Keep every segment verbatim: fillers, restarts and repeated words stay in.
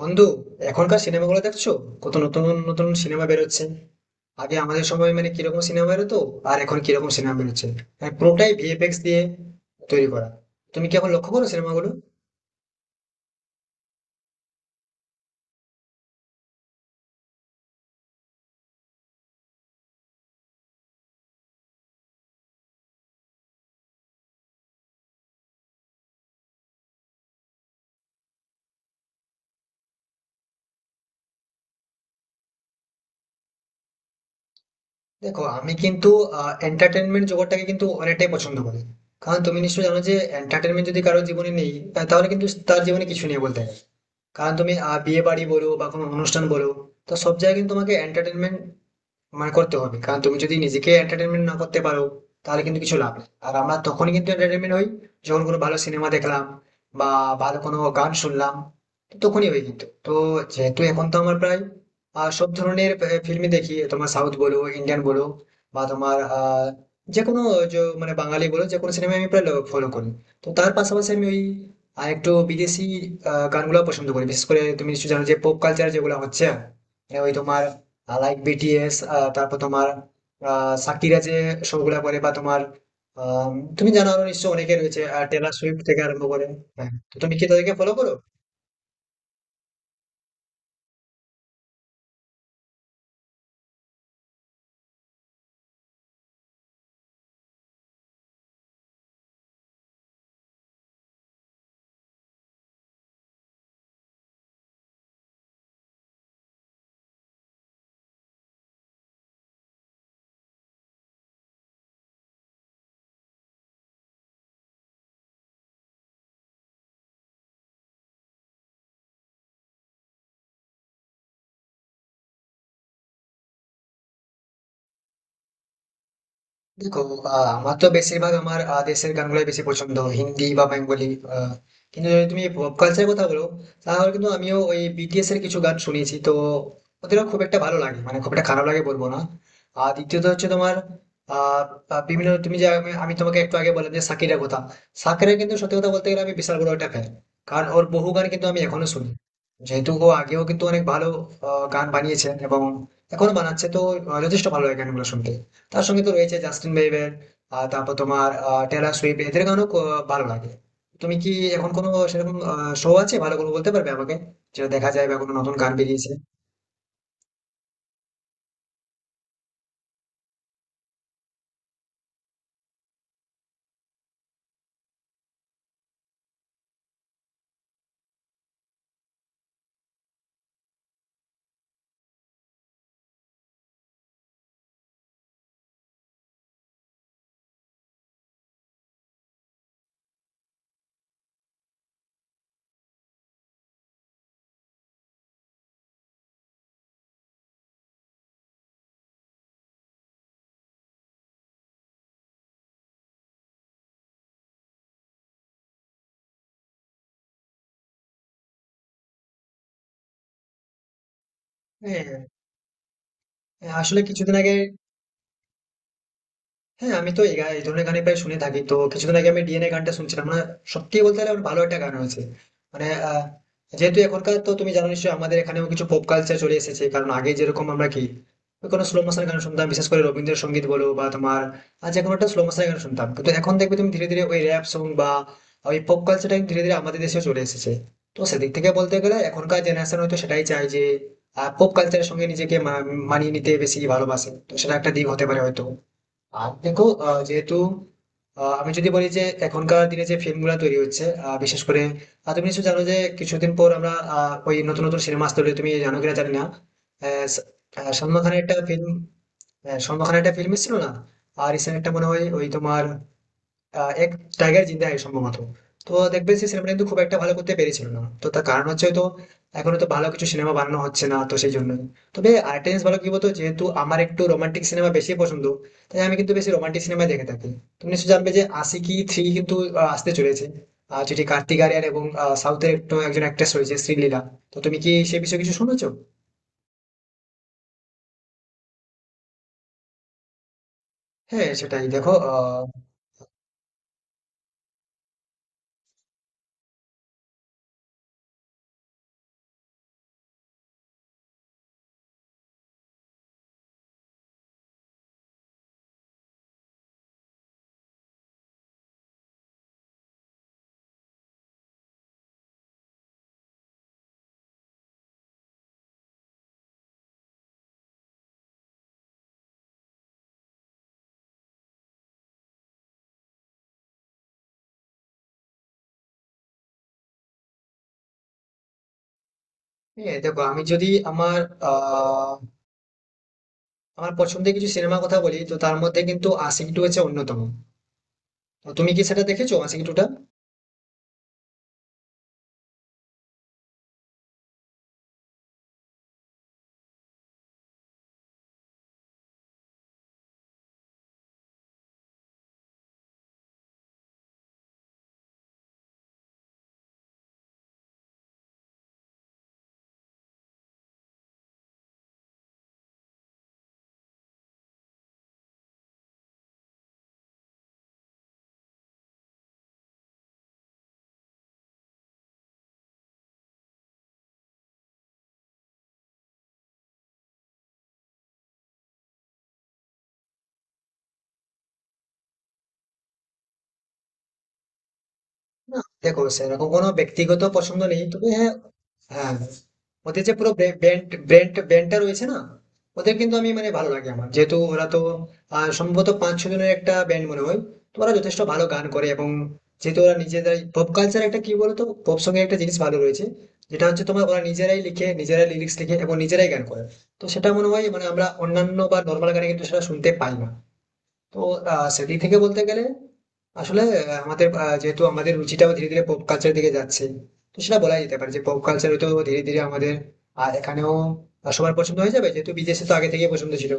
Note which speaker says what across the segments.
Speaker 1: বন্ধু, এখনকার সিনেমাগুলো দেখছো? কত নতুন নতুন সিনেমা বেরোচ্ছে! আগে আমাদের সময় মানে কিরকম সিনেমা বেরোতো, আর এখন কিরকম সিনেমা বেরোচ্ছে। মানে পুরোটাই ভি এফ এক্স দিয়ে তৈরি করা। তুমি কি এখন লক্ষ্য করো সিনেমাগুলো? দেখো, আমি কিন্তু এন্টারটেনমেন্ট জগৎটাকে কিন্তু অনেকটাই পছন্দ করি। কারণ তুমি নিশ্চয়ই জানো যে এন্টারটেনমেন্ট যদি কারোর জীবনে নেই তা- তাহলে কিন্তু তার জীবনে কিছু নেই বলতে গেলে। কারণ তুমি আহ, বিয়ে বাড়ি বলো বা কোনো অনুষ্ঠান বলো, তো সব জায়গায় কিন্তু তোমাকে এন্টারটেনমেন্ট মানে করতে হবে। কারণ তুমি যদি নিজেকে এন্টারটেনমেন্ট না করতে পারো, তাহলে কিন্তু কিছু লাভ নেই। আর আমরা তখনই কিন্তু এন্টারটেনমেন্ট হই যখন কোনো ভালো সিনেমা দেখলাম বা ভালো কোনো গান শুনলাম, তো তখনই হই কিন্তু তো। যেহেতু এখন তো আমার প্রায় আহ, সব ধরনের ফিল্মই দেখি, তোমার সাউথ বলো, ইন্ডিয়ান বলো, বা তোমার আহ যে কোনো য- মানে বাঙালি বলো, যে কোনো সিনেমা আমি প্রায় ফলো করি। তো তার পাশাপাশি আমি ওই আর একটু বিদেশি আহ, গানগুলো পছন্দ করি। বিশেষ করে তুমি নিশ্চয়ই জানো যে পপ কালচার যেগুলো হচ্ছে, মানে ওই তোমার লাইক বি টি এস, তারপর তোমার আহ, সাকিরা যে শো গুলা করে, বা তোমার আম, তুমি জানো আরো নিশ্চয় অনেকে রয়েছে, টেলর সুইফট থেকে আরম্ভ করে। হ্যাঁ, তো তুমি কি তাদেরকে ফলো করো? দেখো, আহ, আমার তো বেশিরভাগ আমার আহ, দেশের গানগুলোই বেশি পছন্দ, হিন্দি বা বেঙ্গলি। আহ, কিন্তু যদি তুমি পপ কালচারের কথা বলো, তাহলে কিন্তু আমিও ওই বি টি এস এর কিছু গান শুনেছি, তো ওদেরও খুব একটা ভালো লাগে, মানে খুব একটা খারাপ লাগে বলবো না। আর দ্বিতীয়ত হচ্ছে তোমার আহ আহ, বিভিন্ন তুমি যে আমি আমি তোমাকে একটু আগে বললাম যে শাকিরের কথা। শাকিরের কিন্তু সত্যি কথা বলতে গেলে আমি বিশাল বড় একটা ফ্যান। কারণ ওর বহু গান কিন্তু আমি এখনো শুনি, যেহেতু ও আগেও কিন্তু অনেক ভালো আহ, গান বানিয়েছেন, এবং এখনো বানাচ্ছে, তো আহ, যথেষ্ট ভালো লাগে গানগুলো শুনতে। তার সঙ্গে তো রয়েছে জাস্টিন বিবার, আর তারপর তোমার আহ, টেলর সুইফট, এদের গানও ক- ভালো লাগে। তুমি কি এখন কোনো সেরকম শো আছে ভালো করে বলতে পারবে আমাকে, যেটা দেখা যায়, বা কোনো নতুন গান বেরিয়েছে? হ্যাঁ, আসলে কিছুদিন আগে হ্যাঁ, আমি তো এই গা- এই ধরনের গানই প্রায় শুনে থাকি। তো কিছুদিন আগে আমি ডি এন এ গানটা শুনছিলাম না, সত্যি বলতে গেলে আমার ভালো একটা গান হয়েছে মানে আহ, যেহেতু এখনকার তো তুমি জানো নিশ্চয়ই, আমাদের এখানেও কিছু পপ কালচার চলে এসেছে। কারণ আগে যেরকম আমরা কি ওই কোনো স্লো মোশন গান শুনতাম, বিশেষ করে রবীন্দ্রসঙ্গীত বলো বা তোমার আর যে কোনো একটা স্লো মোশন গান শুনতাম। কিন্তু এখন দেখবে তুমি ধীরে ধীরে ওই র্যাপ সং বা ওই পপ কালচারটা ধীরে ধীরে আমাদের দেশেও চলে এসেছে। তো সেদিক থেকে বলতে গেলে এখনকার জেনারেশন হয়তো সেটাই চায় যে পপ কালচারের সঙ্গে নিজেকে মা- মানিয়ে নিতে বেশি ভালোবাসে। তো সেটা একটা দিক হতে পারে হয়তো। আর দেখো, আহ, যেহেতু আহ, আমি যদি বলি যে এখনকার দিনে যে ফিল্ম গুলা তৈরি হচ্ছে, আহ, বিশেষ করে আহ, তুমি নিশ্চয় জানো যে কিছুদিন পর আমরা আহ, ওই নতুন নতুন সিনেমা আসতে হলে তুমি জানো কিনা জানি না। আহ, স- আহ, সলমান খানের একটা ফিল্ম, সলমান খানের একটা ফিল্ম ছিল না? আর রিসেন্ট একটা মনে হয় ওই তোমার আহ, এক, টাইগার জিন্দা है সম্ভবত। তো দেখবে সেই সিনেমাটা কিন্তু খুব একটা ভালো করতে পেরেছিল না, তো তার কারণ হচ্ছে তো এখন তো ভালো কিছু সিনেমা বানানো হচ্ছে না, তো সেই জন্য। তবে আরেকটা জিনিস ভালো কি বলতো, যেহেতু আমার একটু রোমান্টিক সিনেমা বেশি পছন্দ, তাই আমি কিন্তু বেশি রোমান্টিক সিনেমা দেখে থাকি। তুমি নিশ্চয়ই জানবে যে আশিকি থ্রি কিন্তু আহ, আসতে চলেছে। আর যেটি কার্তিক আরিয়ান এবং আহ, সাউথের একটু একজন অ্যাক্ট্রেস রয়েছে, শ্রীলীলা। তো তুমি কি সে বিষয়ে কিছু শুনেছো? হ্যাঁ, সেটাই দেখো। আহ হ্যাঁ, দেখো, আমি যদি আমার আহ আমার পছন্দের কিছু সিনেমার কথা বলি, তো তার মধ্যে কিন্তু আশিকি টু হচ্ছে অন্যতম। তো তুমি কি সেটা দেখেছো, আশিকি টুটা? না, দেখো, সেরকম কোনো ব্যক্তিগত পছন্দ নেই, তবে হ্যাঁ। হ্যাঁ, ওদের যে পুরো ব্যান্ড ব্যান্ড ব্যান্ডটা রয়েছে না, ওদের কিন্তু আমি মানে ভালো লাগে আমার। যেহেতু ওরা তো আহ, সম্ভবত পাঁচ ছ জনের একটা ব্যান্ড মনে হয়। তো ওরা যথেষ্ট ভালো গান করে। এবং যেহেতু ওরা নিজেরাই পপ কালচার, একটা কি বলতো, পপ সঙ্গে একটা জিনিস ভালো রয়েছে, যেটা হচ্ছে তোমার ওরা নিজেরাই লিখে, নিজেরাই লিরিক্স লিখে, এবং নিজেরাই গান করে। তো সেটা মনে হয়, মানে আমরা অন্যান্য বা নর্মাল গানে কিন্তু সেটা শুনতে পাই না। তো আহ সেদিক থেকে বলতে গেলে, আসলে আহ, আমাদের আহ, যেহেতু আমাদের রুচিটাও ধীরে ধীরে পপ কালচারের দিকে যাচ্ছে, তো সেটা বলা যেতে পারে যে পপ কালচার তো ধীরে ধীরে আমাদের আহ, এখানেও সবার পছন্দ হয়ে যাবে, যেহেতু বিদেশে তো আগে থেকেই পছন্দ ছিল।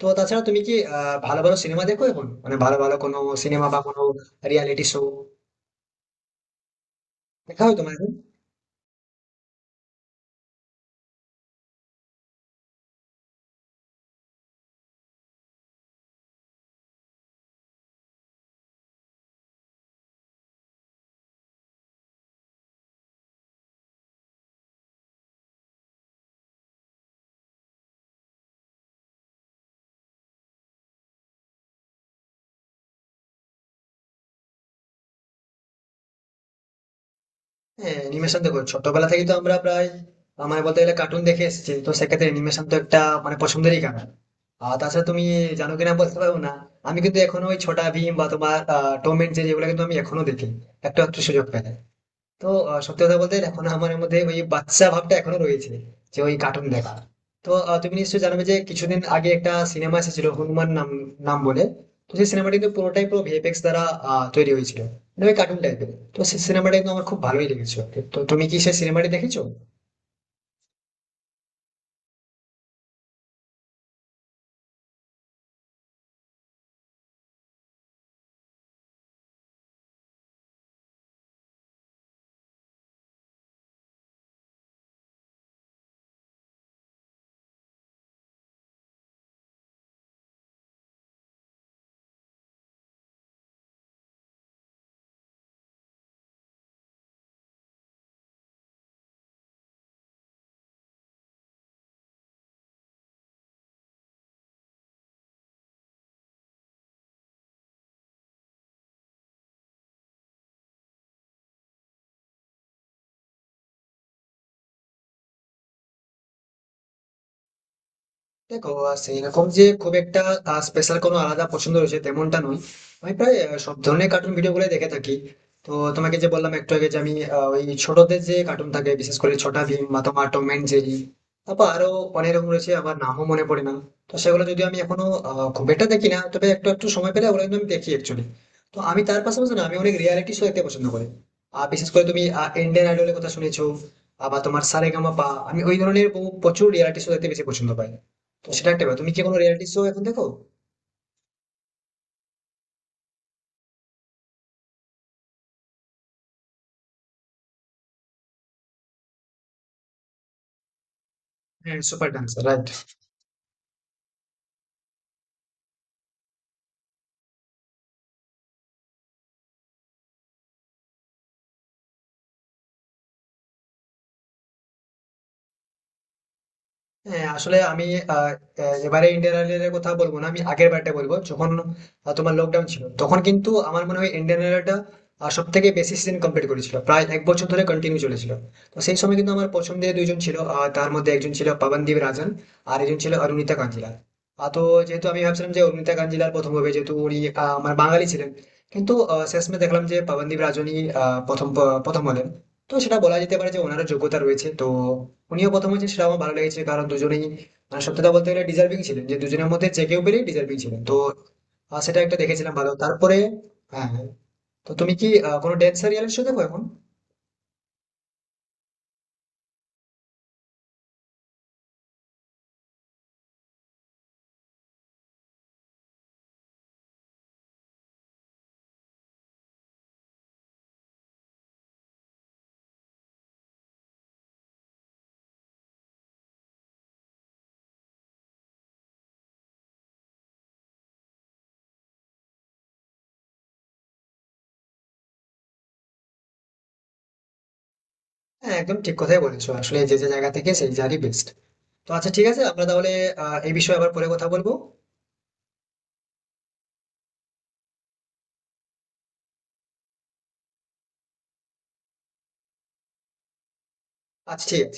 Speaker 1: তো তাছাড়া তুমি কি আহ ভালো ভালো সিনেমা দেখো এখন, মানে ভালো ভালো কোনো সিনেমা বা কোনো রিয়ালিটি শো দেখা হয় তোমার এখন? হ্যাঁ, অ্যানিমেশন, দেখো ছোটবেলা থেকে তো আমরা প্রায় আহ, মানে বলতে গেলে কার্টুন দেখে এসেছি, তো সেক্ষেত্রে অ্যানিমেশন তো একটা মানে পছন্দেরই কারণ। আর তাছাড়া তুমি জানো কিনা বলতে পারবো না, আমি কিন্তু এখনো ওই ছোটা ভীম বা তোমার টম এন্ড জেরি এগুলো কিন্তু আমি এখনো দেখি, একটু একটু সুযোগ পেলে। তো আহ, সত্যি কথা বলতে এখন আমার মধ্যে ওই বাচ্চা ভাবটা এখনো রয়েছে, যে ওই কার্টুন দেখা। তো আহ, তুমি নিশ্চয়ই জানবে যে কিছুদিন আগে একটা সিনেমা এসেছিল হনুমান নাম নাম বলে। তো সেই সিনেমাটা কিন্তু পুরোটাই পুরো ভি এফ এক্স দ্বারা আহ, তৈরি হয়েছিল, মানে ওই কার্টুন টাইপের। তো সেই সিনেমাটা কিন্তু আমার খুব ভালোই লেগেছিল। তো তুমি কি সেই সিনেমাটি দেখেছো? দেখো, আহ, সেইরকম যে খুব একটা স্পেশাল কোনো আলাদা পছন্দ রয়েছে তেমনটা নয়। আমি প্রায় আহ, সব ধরনের কার্টুন ভিডিও গুলো দেখে থাকি। তো তোমাকে যে বললাম একটু আগে যে আমি আহ, ওই ছোটদের যে কার্টুন থাকে, বিশেষ করে ছোটা ভীম বা তোমার টম অ্যান্ড জেরি, তারপর আরো অনেক রকম রয়েছে, আমার নামও মনে পড়ে না। তো সেগুলো যদি আমি এখনো আহ, খুব একটা দেখি না, তবে একটু একটু সময় পেলে ওগুলো কিন্তু আমি দেখি অ্যাকচুয়ালি। তো আমি তার পাশাপাশি না, আমি অনেক রিয়ালিটি শো দেখতে পছন্দ করি। আর বিশেষ করে তুমি ইন্ডিয়ান আইডলের কথা শুনেছো, আবার তোমার সারেগামাপা, আমি ওই ধরনের বহু প্রচুর রিয়ালিটি শো দেখতে বেশি পছন্দ পাই। তো সেটা একটা ব্যাপার। তুমি কি কোনো রিয়েলিটি শো এখন দেখো? হ্যাঁ, সুপার ডান্সার, রাইট। হ্যাঁ, আসলে আমি আহ, আহ, এবারে ইন্ডিয়ান আইডলের কথা বলবো না, আমি আগের বারটা বলবো, যখন আহ, তোমার লকডাউন ছিল, তখন কিন্তু আমার মনে হয় ইন্ডিয়ান আইডলটা সব থেকে বেশি সিজন কমপ্লিট করেছিল, প্রায় এক বছর ধরে কন্টিনিউ চলেছিল। তো সেই সময় কিন্তু আমার পছন্দের দুইজন ছিল, আহ, তার মধ্যে একজন ছিল পবনদীপ রাজন, আর একজন ছিল অরুণিতা কাঞ্জিলাল। আহ, তো যেহেতু আমি ভাবছিলাম যে অরুণিতা কাঞ্জিলাল প্রথম হবে, যেহেতু উনি আহ, আমার বাঙালি ছিলেন। কিন্তু আহ, শেষমে দেখলাম যে পবনদীপ রাজনই আহ, প্রথম প্রথম হলেন। তো সেটা বলা যেতে পারে যে ওনারও যোগ্যতা রয়েছে, তো উনিও প্রথম হয়েছেন, সেটা আমার ভালো লেগেছে। কারণ দুজনেই মানে সত্যি কথা বলতে গেলে ডিজার্ভিং ছিলেন, যে দুজনের মধ্যে যে কেউ পেলেই ডিজার্ভিং ছিলেন, তো আহ, সেটা একটা দেখেছিলাম ভালো, তারপরে। হ্যাঁ, হ্যাঁ। তো তুমি কি আহ, কোনো ড্যান্স রিয়েলিটি শো দেখো এখন? হ্যাঁ, একদম ঠিক কথাই বলেছো। আসলে যে যে জায়গা থেকে সেই জায়গারই বেস্ট। তো আচ্ছা, ঠিক আছে, আমরা তাহলে আহ, এই বিষয়ে আবার পরে কথা বলবো। আচ্ছা, ঠিক আছে।